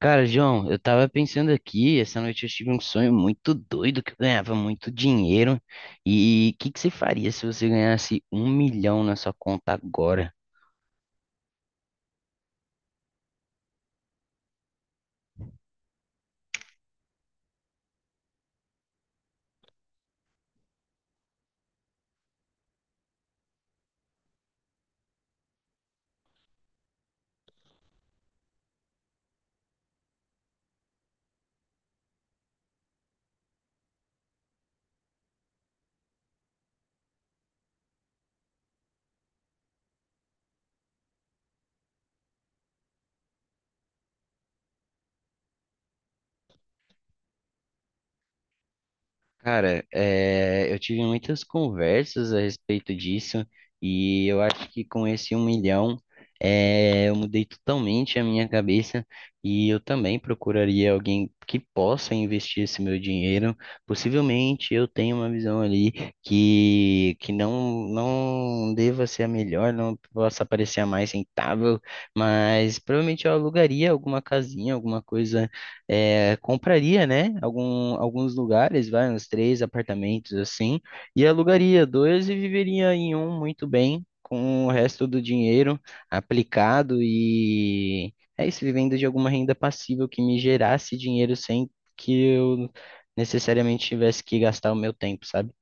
Cara, João, eu tava pensando aqui, essa noite eu tive um sonho muito doido que eu ganhava muito dinheiro. E o que que você faria se você ganhasse 1 milhão na sua conta agora? Cara, eu tive muitas conversas a respeito disso e eu acho que com esse 1 milhão eu mudei totalmente a minha cabeça e eu também procuraria alguém que possa investir esse meu dinheiro. Possivelmente eu tenho uma visão ali que não deva ser a melhor, não possa parecer a mais rentável, mas provavelmente eu alugaria alguma casinha, alguma coisa compraria, né, alguns lugares, vai, uns três apartamentos assim, e alugaria dois e viveria em um muito bem, com o resto do dinheiro aplicado e é isso, vivendo de alguma renda passiva que me gerasse dinheiro sem que eu necessariamente tivesse que gastar o meu tempo, sabe?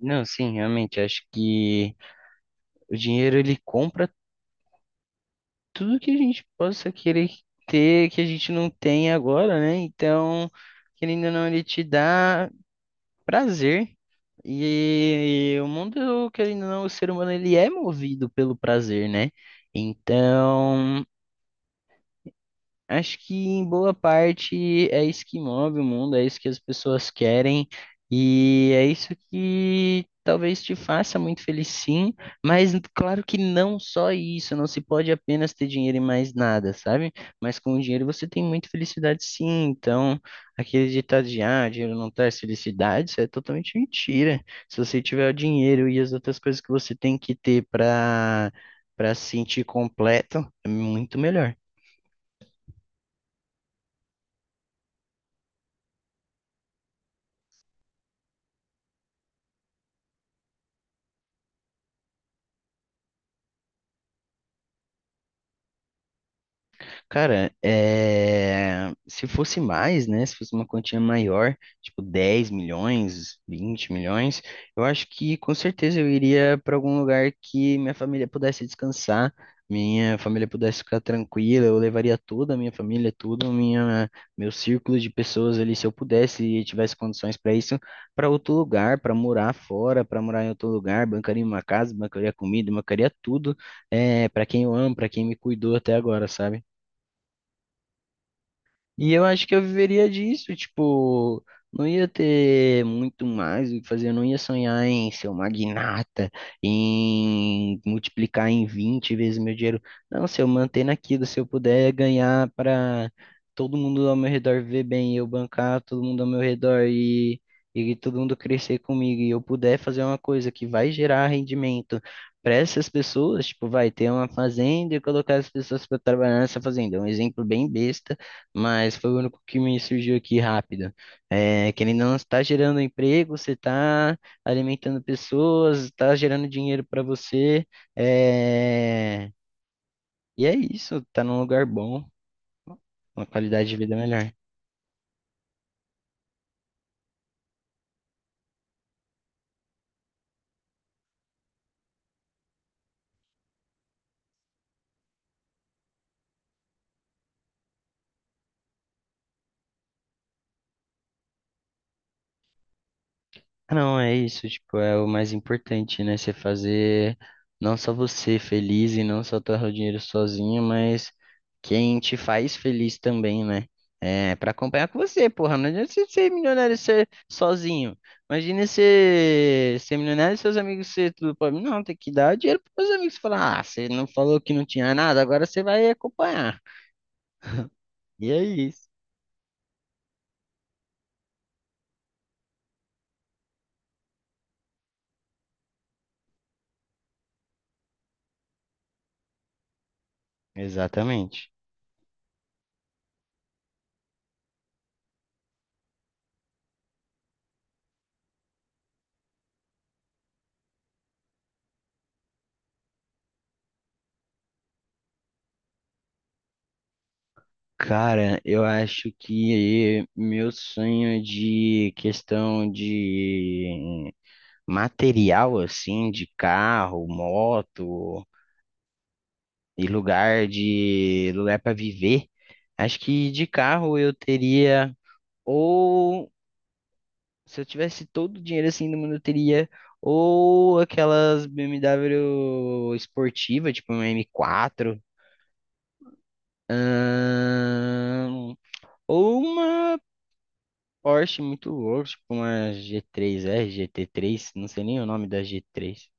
Não, sim, realmente, acho que o dinheiro ele compra tudo que a gente possa querer ter, que a gente não tem agora, né? Então, querendo ou não, ele te dá prazer. E o mundo, querendo ou não, o ser humano, ele é movido pelo prazer, né? Então, acho que em boa parte é isso que move o mundo, é isso que as pessoas querem, e é isso que talvez te faça muito feliz, sim, mas claro que não só isso, não se pode apenas ter dinheiro e mais nada, sabe? Mas com o dinheiro você tem muita felicidade, sim. Então, aquele ditado de ah, dinheiro não traz felicidade, isso é totalmente mentira. Se você tiver o dinheiro e as outras coisas que você tem que ter para se sentir completo, é muito melhor. Cara, se fosse mais, né? Se fosse uma quantia maior, tipo 10 milhões, 20 milhões, eu acho que com certeza eu iria para algum lugar que minha família pudesse descansar, minha família pudesse ficar tranquila. Eu levaria toda a minha família, meu círculo de pessoas ali, se eu pudesse e tivesse condições para isso, para outro lugar, para morar fora, para morar em outro lugar, bancaria uma casa, bancaria comida, bancaria tudo, para quem eu amo, para quem me cuidou até agora, sabe? E eu acho que eu viveria disso, tipo, não ia ter muito mais o que fazer, eu não ia sonhar em ser um magnata, em multiplicar em 20 vezes meu dinheiro. Não, se eu manter naquilo, se eu puder ganhar para todo mundo ao meu redor ver bem, eu bancar todo mundo ao meu redor e todo mundo crescer comigo, e eu puder fazer uma coisa que vai gerar rendimento. Para essas pessoas, tipo, vai ter uma fazenda e colocar as pessoas para trabalhar nessa fazenda. É um exemplo bem besta, mas foi o único que me surgiu aqui rápido. É, querendo ou não, você está gerando emprego, você está alimentando pessoas, está gerando dinheiro para você. é, E é isso, tá num lugar bom, uma qualidade de vida melhor. Não, é isso, tipo, é o mais importante, né? Você fazer não só você feliz e não só torrar o dinheiro sozinho, mas quem te faz feliz também, né? É, pra acompanhar com você, porra. Não adianta você ser milionário e ser sozinho. Imagina você ser milionário e seus amigos ser tudo pobre. Não, tem que dar dinheiro pros seus amigos falar, ah, você não falou que não tinha nada, agora você vai acompanhar. E é isso. Exatamente. Cara, eu acho que meu sonho de questão de material assim, de carro, moto e lugar para viver, acho que de carro eu teria ou se eu tivesse todo o dinheiro assim do mundo eu teria ou aquelas BMW esportiva, tipo uma m quatro ahn, ou uma Porsche muito louco, tipo uma G3R, GT3, não sei nem o nome da G3.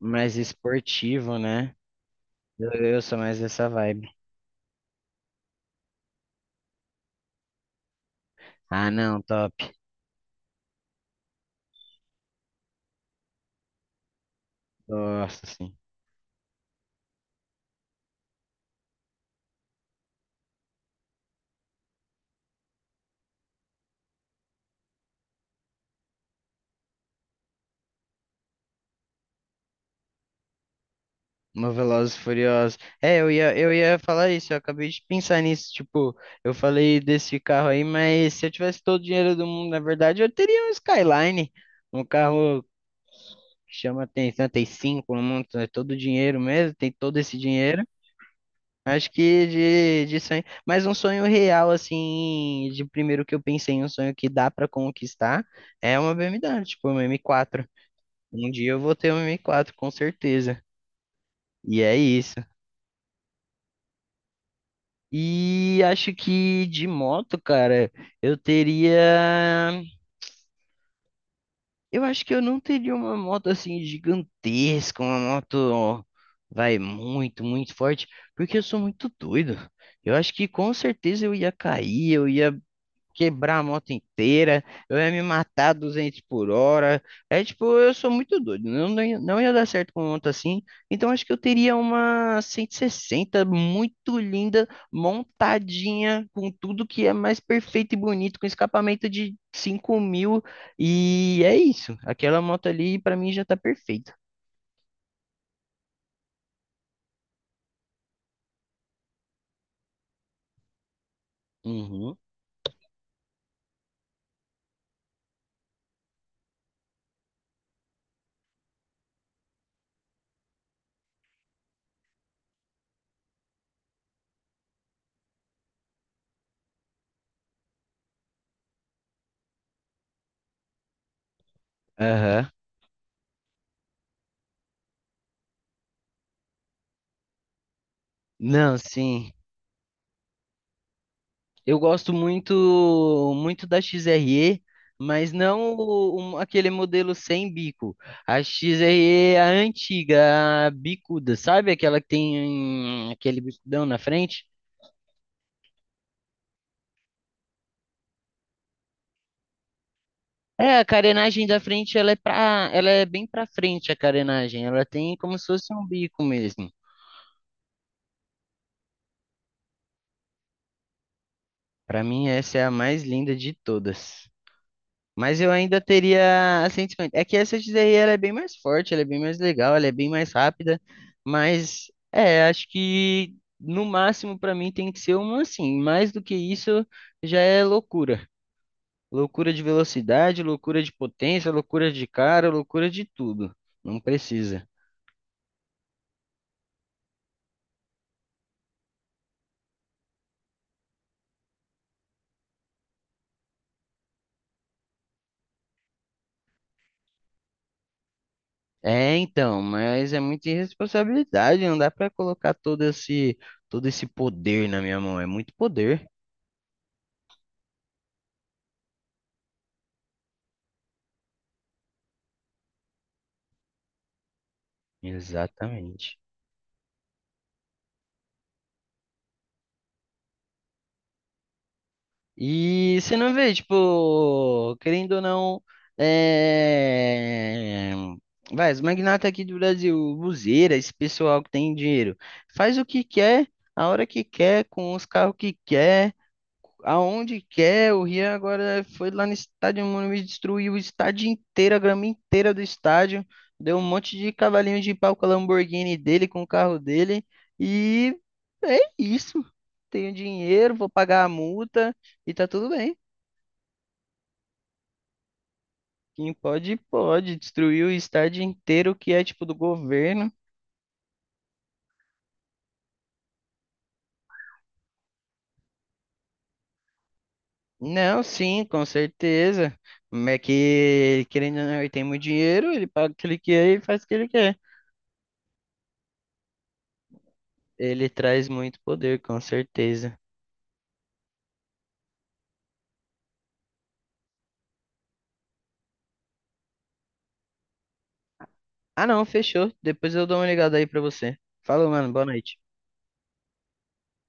Mais esportivo, né? Eu sou mais dessa vibe. Ah, não, top. Nossa, sim. Uma Velozes e Furiosos. É, eu ia falar isso, eu acabei de pensar nisso. Tipo, eu falei desse carro aí, mas se eu tivesse todo o dinheiro do mundo, na verdade, eu teria um Skyline. Um carro que chama atenção, tem cinco no mundo, é todo dinheiro mesmo, tem todo esse dinheiro. Acho que de sonho, mas um sonho real, assim, de primeiro que eu pensei, um sonho que dá pra conquistar, é uma BMW, tipo uma M4. Um dia eu vou ter uma M4, com certeza. E é isso. E acho que de moto, cara, eu teria. Eu acho que eu não teria uma moto assim gigantesca, uma moto, ó, vai muito, muito forte, porque eu sou muito doido. Eu acho que com certeza eu ia cair, eu ia quebrar a moto inteira, eu ia me matar 200 por hora. É tipo, eu sou muito doido, não, não, não ia dar certo com moto assim. Então acho que eu teria uma 160 muito linda, montadinha, com tudo que é mais perfeito e bonito, com escapamento de 5 mil. E é isso, aquela moto ali pra mim já tá perfeita. Uhum. Aham. Não, sim. Eu gosto muito muito da XRE, mas não aquele modelo sem bico. A XRE é a antiga, a bicuda, sabe? Aquela que tem aquele bicudão na frente. É, a carenagem da frente, ela é bem pra frente a carenagem. Ela tem como se fosse um bico mesmo. Pra mim, essa é a mais linda de todas. Mas eu ainda teria a Saints Fan. É que essa XRE ela é bem mais forte, ela é bem mais legal, ela é bem mais rápida. Mas é, acho que no máximo para mim tem que ser uma assim. Mais do que isso já é loucura. Loucura de velocidade, loucura de potência, loucura de cara, loucura de tudo. Não precisa. É, então, mas é muita irresponsabilidade, não dá para colocar todo esse poder na minha mão, é muito poder. Exatamente. E você não vê, tipo, querendo ou não, é... vai, os magnatas aqui do Brasil, Buzeira, esse pessoal que tem dinheiro, faz o que quer, a hora que quer, com os carros que quer aonde quer. O Rian agora foi lá no estádio, mano, me destruiu o estádio inteiro, a grama inteira do estádio. Deu um monte de cavalinho de pau com a Lamborghini dele, com o carro dele. E é isso. Tenho dinheiro, vou pagar a multa e tá tudo bem. Quem pode, pode. Destruir o estádio inteiro que é tipo do governo. Não, sim, com certeza. Mas é que, querendo ou não, ele tem muito dinheiro, ele paga o que ele quer e faz o que ele quer. Ele traz muito poder, com certeza. Ah, não, fechou. Depois eu dou uma ligada aí pra você. Falou, mano. Boa noite.